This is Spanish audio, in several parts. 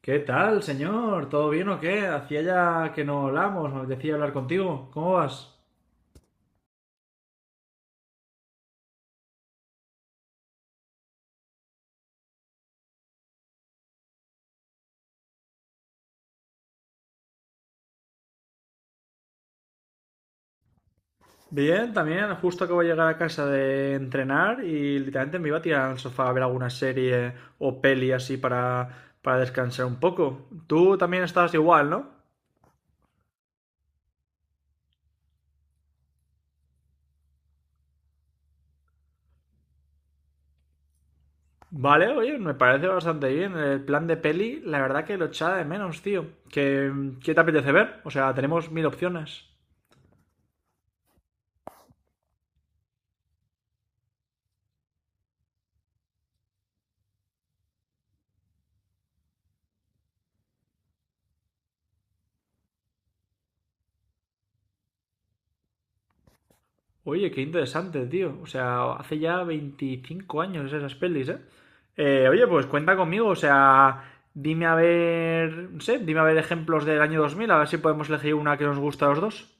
¿Qué tal, señor? ¿Todo bien o qué? Hacía ya que no hablamos, me decía hablar contigo. ¿Cómo vas? Bien, también. Justo acabo de llegar a casa de entrenar y literalmente me iba a tirar al sofá a ver alguna serie o peli así para descansar un poco. Tú también estás igual, ¿no? Vale, oye, me parece bastante bien. El plan de peli, la verdad que lo echaba de menos, tío. ¿Qué te apetece ver? O sea, tenemos mil opciones. Oye, qué interesante, tío. O sea, hace ya 25 años esas pelis, ¿eh? Oye, pues cuenta conmigo, o sea, dime a ver, no sé, dime a ver ejemplos del año 2000. A ver si podemos elegir una que nos gusta a los dos.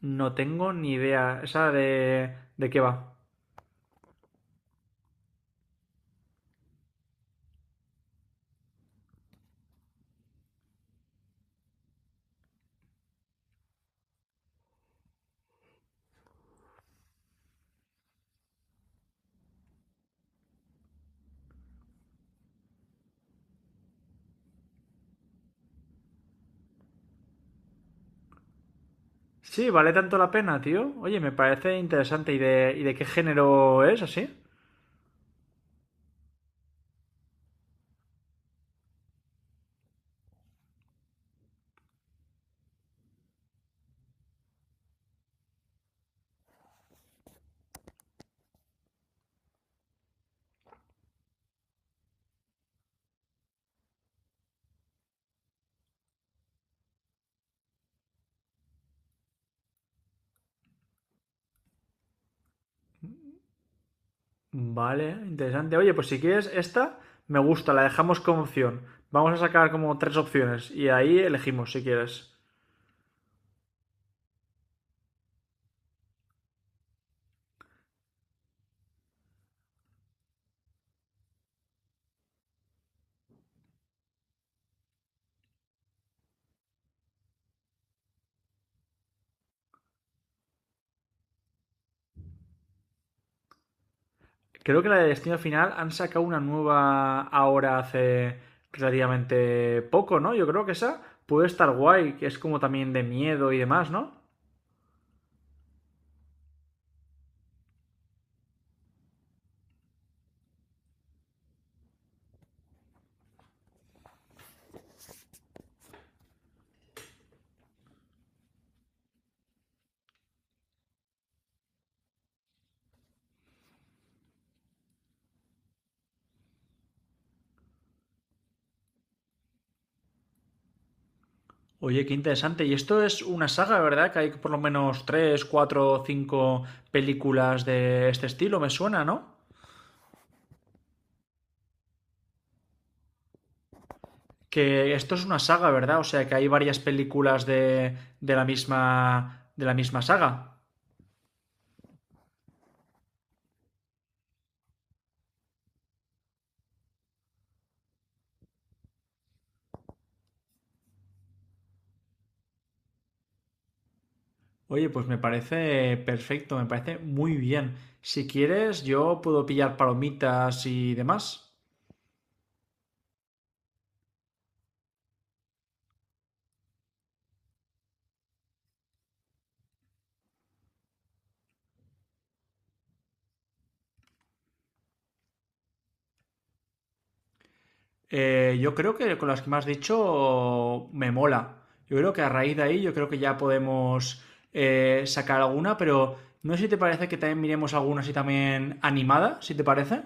No tengo ni idea, esa de qué va. Sí, vale tanto la pena, tío. Oye, me parece interesante. ¿Y de qué género es así? Vale, interesante. Oye, pues si quieres esta, me gusta, la dejamos como opción. Vamos a sacar como tres opciones y ahí elegimos si quieres. Creo que la de Destino Final han sacado una nueva ahora hace relativamente poco, ¿no? Yo creo que esa puede estar guay, que es como también de miedo y demás, ¿no? Oye, qué interesante. Y esto es una saga, ¿verdad? Que hay por lo menos tres, cuatro, cinco películas de este estilo, me suena, ¿no? Que esto es una saga, ¿verdad? O sea, que hay varias películas de la misma saga. Oye, pues me parece perfecto, me parece muy bien. Si quieres, yo puedo pillar palomitas y demás. Yo creo que con las que me has dicho me mola. Yo creo que a raíz de ahí, yo creo que ya podemos sacar alguna, pero no sé si te parece que también miremos alguna así también animada, si te parece.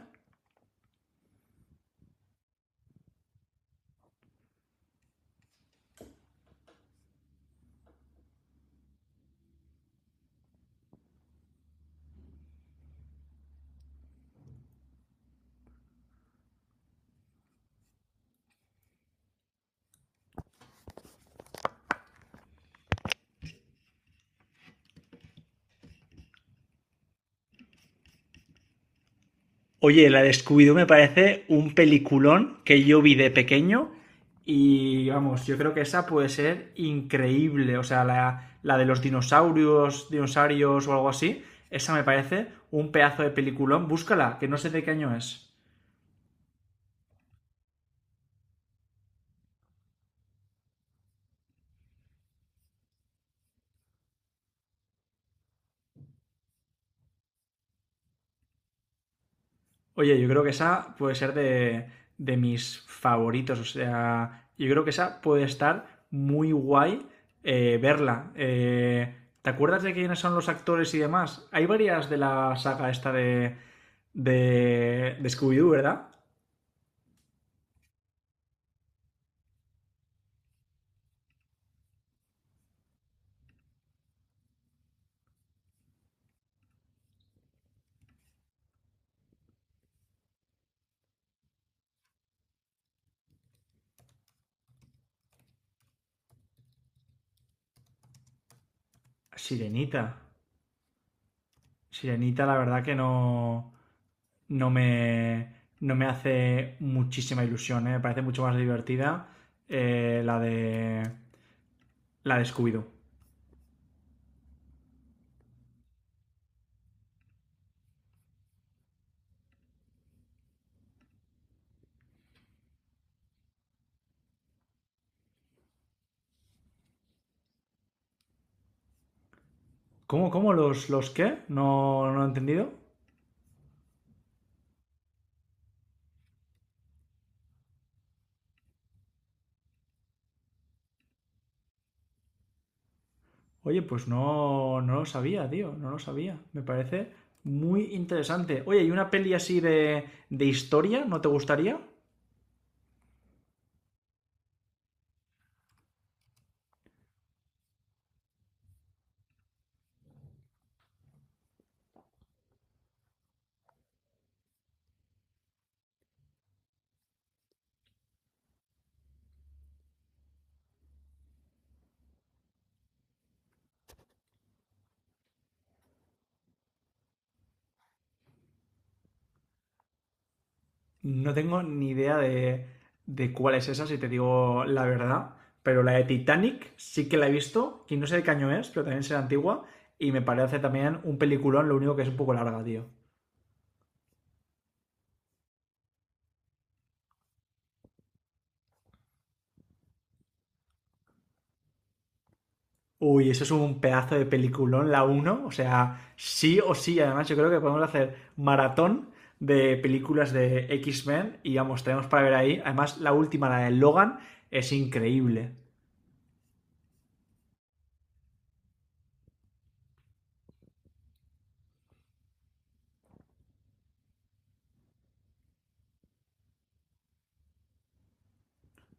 Oye, la de Scooby-Doo me parece un peliculón que yo vi de pequeño y vamos, yo creo que esa puede ser increíble. O sea, la de los dinosaurios, dinosaurios o algo así, esa me parece un pedazo de peliculón. Búscala, que no sé de qué año es. Oye, yo creo que esa puede ser de mis favoritos. O sea, yo creo que esa puede estar muy guay verla. ¿Te acuerdas de quiénes son los actores y demás? Hay varias de la saga esta de Scooby-Doo, ¿verdad? Sirenita. Sirenita, la verdad que no, no, no me hace muchísima ilusión. ¿Eh? Me parece mucho más divertida eh, la de, la de Scooby-Doo. ¿Cómo? ¿Los qué? No, no he entendido. Oye, pues no, no lo sabía, tío, no lo sabía. Me parece muy interesante. Oye, ¿y una peli así de historia no te gustaría? No tengo ni idea de cuál es esa, si te digo la verdad. Pero la de Titanic sí que la he visto, y no sé de qué año es, pero también será antigua. Y me parece también un peliculón, lo único que es un poco larga, tío. Uy, eso es un pedazo de peliculón, la uno, o sea, sí o sí. Además, yo creo que podemos hacer maratón de películas de X-Men y vamos, tenemos para ver ahí. Además, la última, la de Logan, es increíble.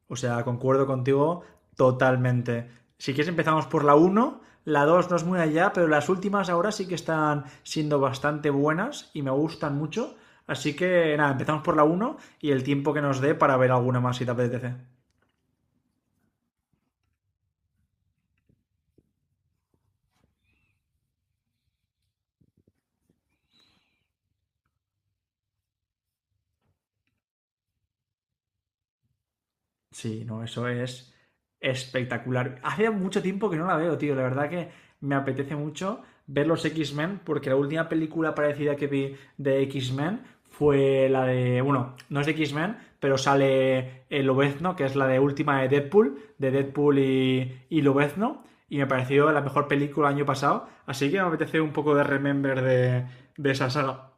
O sea, concuerdo contigo totalmente. Si quieres, empezamos por la uno. La 2 no es muy allá, pero las últimas ahora sí que están siendo bastante buenas y me gustan mucho. Así que nada, empezamos por la uno y el tiempo que nos dé para ver alguna más si te apetece. Sí, no, eso es espectacular. Hace mucho tiempo que no la veo, tío. La verdad que me apetece mucho ver los X-Men, porque la última película parecida que vi de X-Men fue la de. Bueno, no es de X-Men, pero sale el Lobezno, que es la de última de Deadpool, y Lobezno. Y me pareció la mejor película el año pasado. Así que me apetece un poco de remember de esa saga.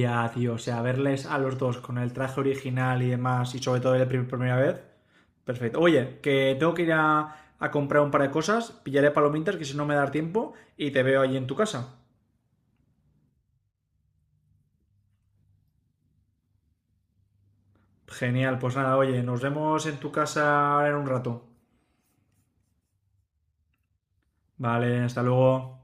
Ya, tío, o sea, verles a los dos con el traje original y demás, y sobre todo la primera vez, perfecto. Oye, que tengo que ir a comprar un par de cosas, pillaré palomitas, que si no me da tiempo, y te veo allí en tu casa. Genial, pues nada, oye, nos vemos en tu casa ahora en un rato. Vale, hasta luego.